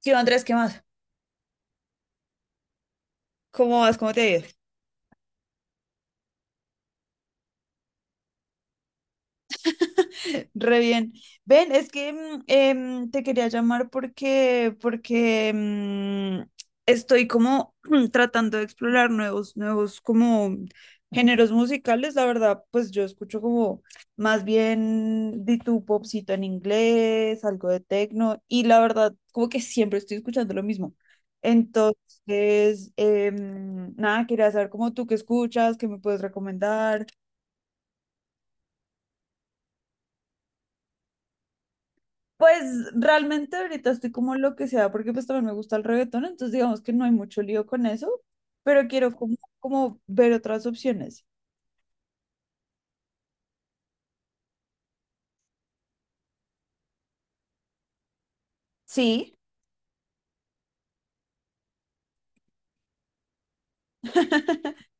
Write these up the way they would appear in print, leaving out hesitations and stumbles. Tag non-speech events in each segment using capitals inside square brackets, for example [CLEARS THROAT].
Sí, Andrés, ¿qué más? ¿Cómo vas? ¿Cómo te ha ido? Re bien. Ven, es que te quería llamar porque estoy como [CLEARS THROAT] tratando de explorar nuevos como géneros musicales. La verdad, pues yo escucho como más bien de tu popcito en inglés, algo de techno, y la verdad, como que siempre estoy escuchando lo mismo. Entonces, nada, quería saber cómo tú qué escuchas, qué me puedes recomendar. Pues realmente ahorita estoy como lo que sea, porque pues también me gusta el reggaetón, entonces digamos que no hay mucho lío con eso, pero quiero como ver otras opciones. Sí. [LAUGHS]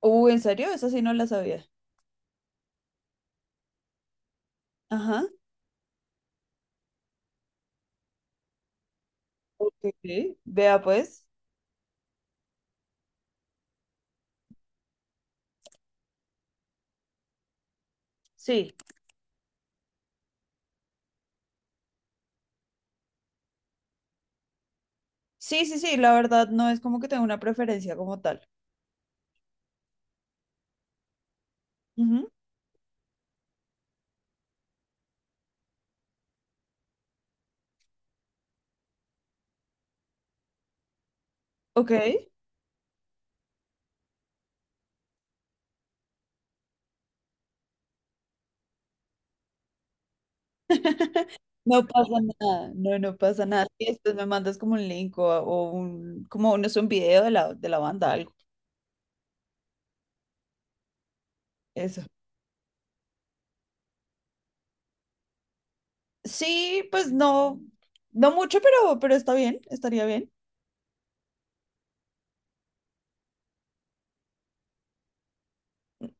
¿En serio? Esa sí no la sabía. Ajá. Ok. Vea pues. Sí. Sí, sí, sí, la verdad no es como que tenga una preferencia como tal. Ujú, ok. [LAUGHS] No pasa nada, no, no pasa nada. Y después me mandas como un link o un, como no sé, un video de la banda, algo. Eso. Sí, pues no, no mucho, pero está bien, estaría bien.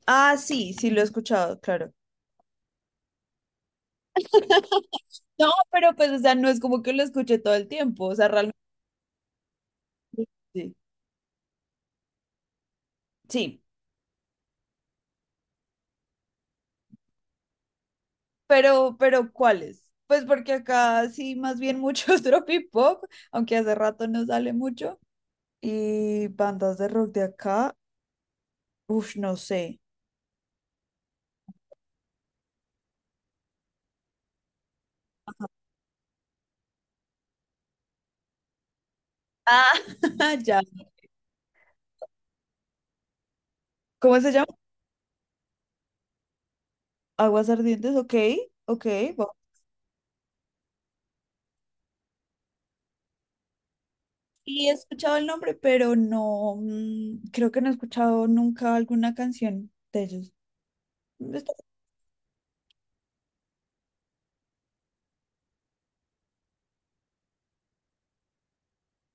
Ah, sí, sí lo he escuchado, claro. [LAUGHS] No, pero pues, o sea, no es como que lo escuché todo el tiempo, o sea, realmente sí. Sí, pero ¿cuáles? Pues porque acá sí, más bien mucho [LAUGHS] es aunque hace rato no sale mucho. Y bandas de rock de acá, uff, no sé. Ah, [LAUGHS] ya. ¿Cómo se llama? Aguas Ardientes, ok, ok. Y he escuchado el nombre, pero no, creo que no he escuchado nunca alguna canción de ellos. Está-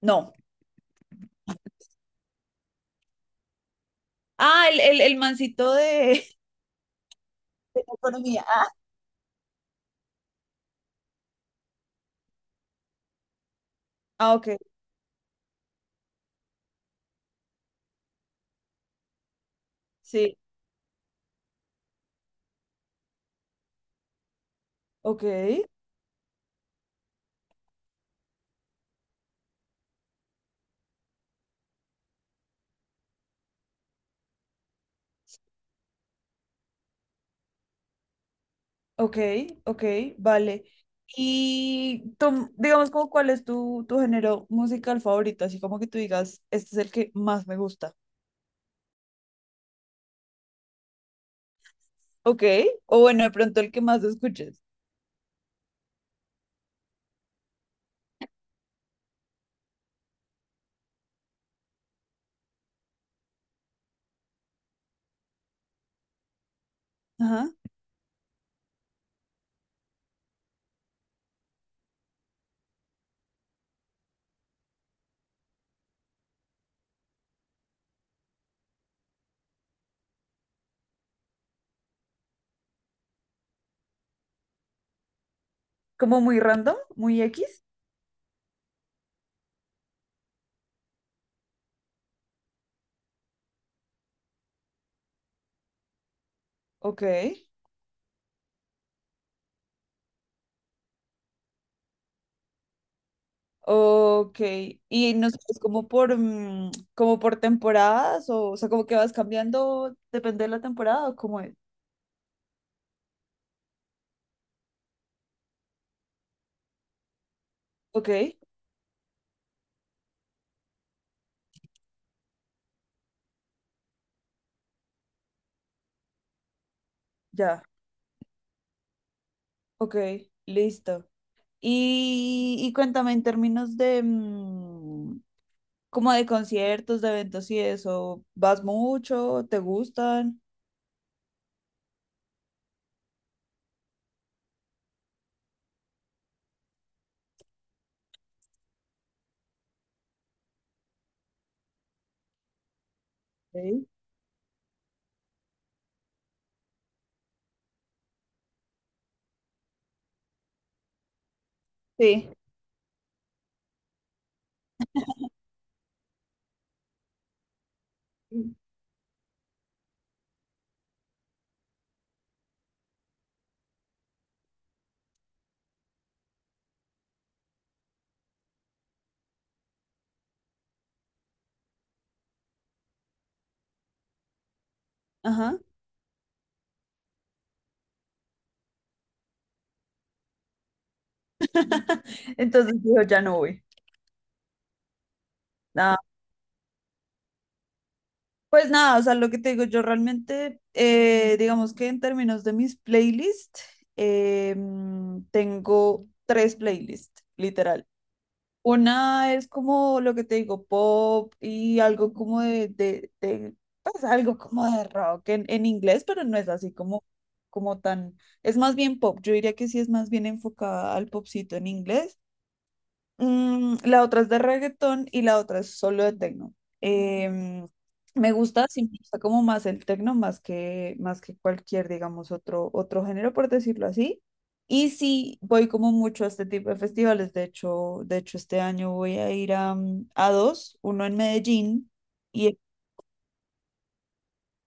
No. Ah, el mancito de, [LAUGHS] de la economía. Ah, ah, ok, sí. Ok, ok, ok, vale. Y tú, digamos como cuál es tu género musical favorito, así como que tú digas, este es el que más me gusta. Ok, o bueno, de pronto el que más escuches. Ajá. Como muy random, muy X. Ok. Ok, y no sé, es como por temporadas o sea, como que vas cambiando, depende de la temporada o cómo es. Ok, ya, ok, listo. Y cuéntame en términos de, como de conciertos, de eventos y eso, ¿vas mucho? ¿Te gustan? Sí. Sí. Ajá. [LAUGHS] Entonces dijo, ya no voy. Pues nada, o sea, lo que te digo, yo realmente, digamos que en términos de mis playlists, tengo tres playlists, literal. Una es como lo que te digo, pop y algo como de, pues algo como de rock en inglés, pero no es así como tan, es más bien pop, yo diría que sí es más bien enfocada al popcito en inglés. La otra es de reggaetón y la otra es solo de tecno. Em, me gusta, sí, me gusta como más el tecno, más que cualquier, digamos, otro género, por decirlo así. Y sí, voy como mucho a este tipo de festivales. De hecho, este año voy a ir a dos, uno en Medellín y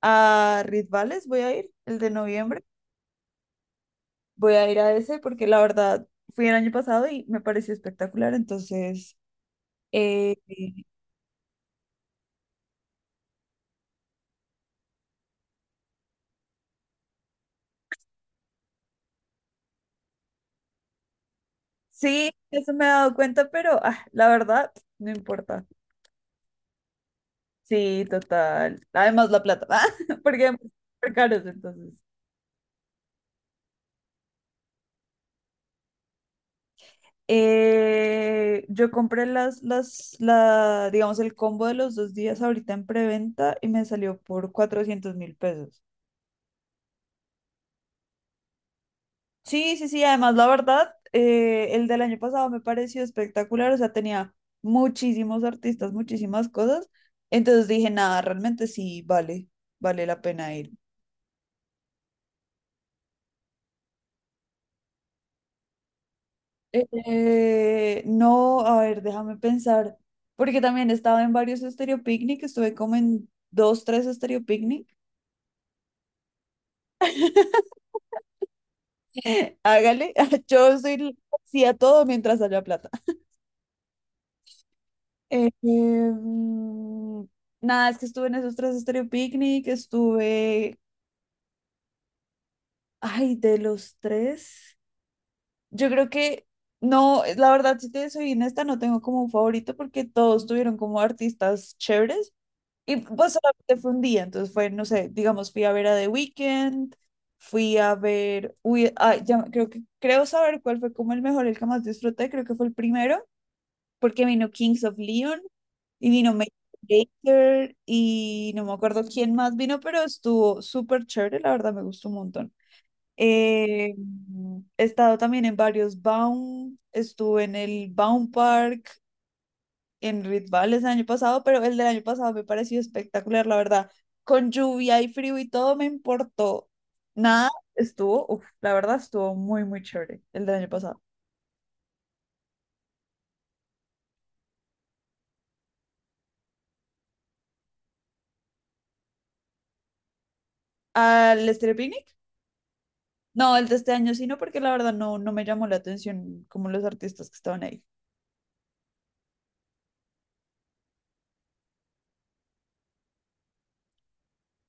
a Ritvales voy a ir, el de noviembre. Voy a ir a ese porque la verdad fui el año pasado y me pareció espectacular. Entonces... Eh, Sí, eso me he dado cuenta, pero la verdad, no importa. Sí, total. Además, la plata, [LAUGHS] porque son súper caros, entonces. Yo compré digamos, el combo de los 2 días ahorita en preventa y me salió por 400.000 pesos. Sí, sí, sí, además, la verdad, el del año pasado me pareció espectacular, o sea, tenía muchísimos artistas, muchísimas cosas, entonces dije, nada, realmente sí, vale, vale la pena ir. No, a ver, déjame pensar, porque también estaba en varios Estéreo Picnic, estuve como en dos, tres Estéreo Picnic. [LAUGHS] Hágale, [LAUGHS] yo soy sí a todo mientras haya plata. Eh, em, nada, es que estuve en esos tres Estéreo Picnic, estuve, ay, de los tres, yo creo que, no, la verdad, si te soy honesta, no tengo como un favorito porque todos tuvieron como artistas chéveres. Y pues solamente fue un día, entonces fue, no sé, digamos, fui a ver a The Weeknd, uy, ya, creo saber cuál fue como el mejor, el que más disfruté, creo que fue el primero, porque vino Kings of Leon y vino Major Lazer y no me acuerdo quién más vino, pero estuvo súper chévere, la verdad me gustó un montón. Eh, he estado también en varios Baum, estuve en el Baum Park, en Red el año pasado, pero el del año pasado me pareció espectacular, la verdad. Con lluvia y frío y todo me importó. Nada, estuvo, uf, la verdad estuvo muy, muy chévere el del año pasado. ¿Al estéreo Picnic? No, el de este año sí, no, porque la verdad no me llamó la atención como los artistas que estaban ahí.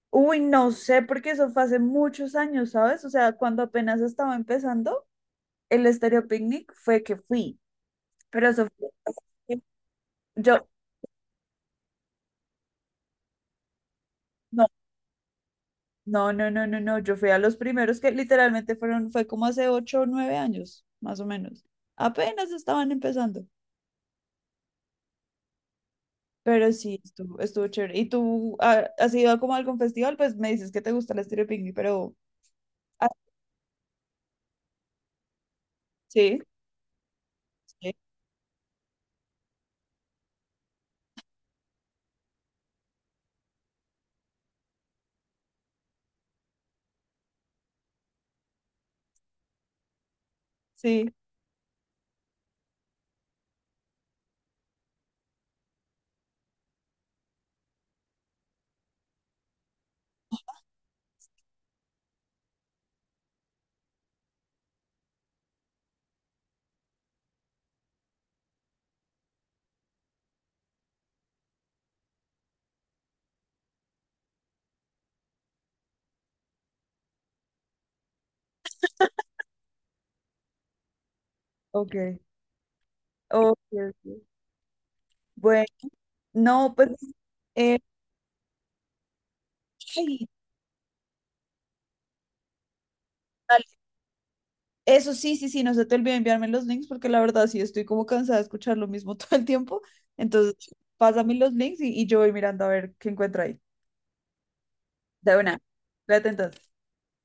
Uy, no sé, porque eso fue hace muchos años, ¿sabes? O sea, cuando apenas estaba empezando, el estéreo Picnic fue que fui, pero eso fue... Yo, no, No, no, no, no, no. Yo fui a los primeros que literalmente fue como hace 8 o 9 años, más o menos. Apenas estaban empezando. Pero sí, estuvo chévere. ¿Y tú has ido a como a algún festival? Pues me dices que te gusta el estilo pingüi, pero. Ah, sí, sí, sí. Ok. Ok, ok. Bueno, no, pues. eh, ay, dale. Eso sí, sí, sí, no se te olvide enviarme los links porque la verdad sí estoy como cansada de escuchar lo mismo [LAUGHS] todo el tiempo. Entonces, pásame los links y yo voy mirando a ver qué encuentro ahí. De una. Cuídate entonces.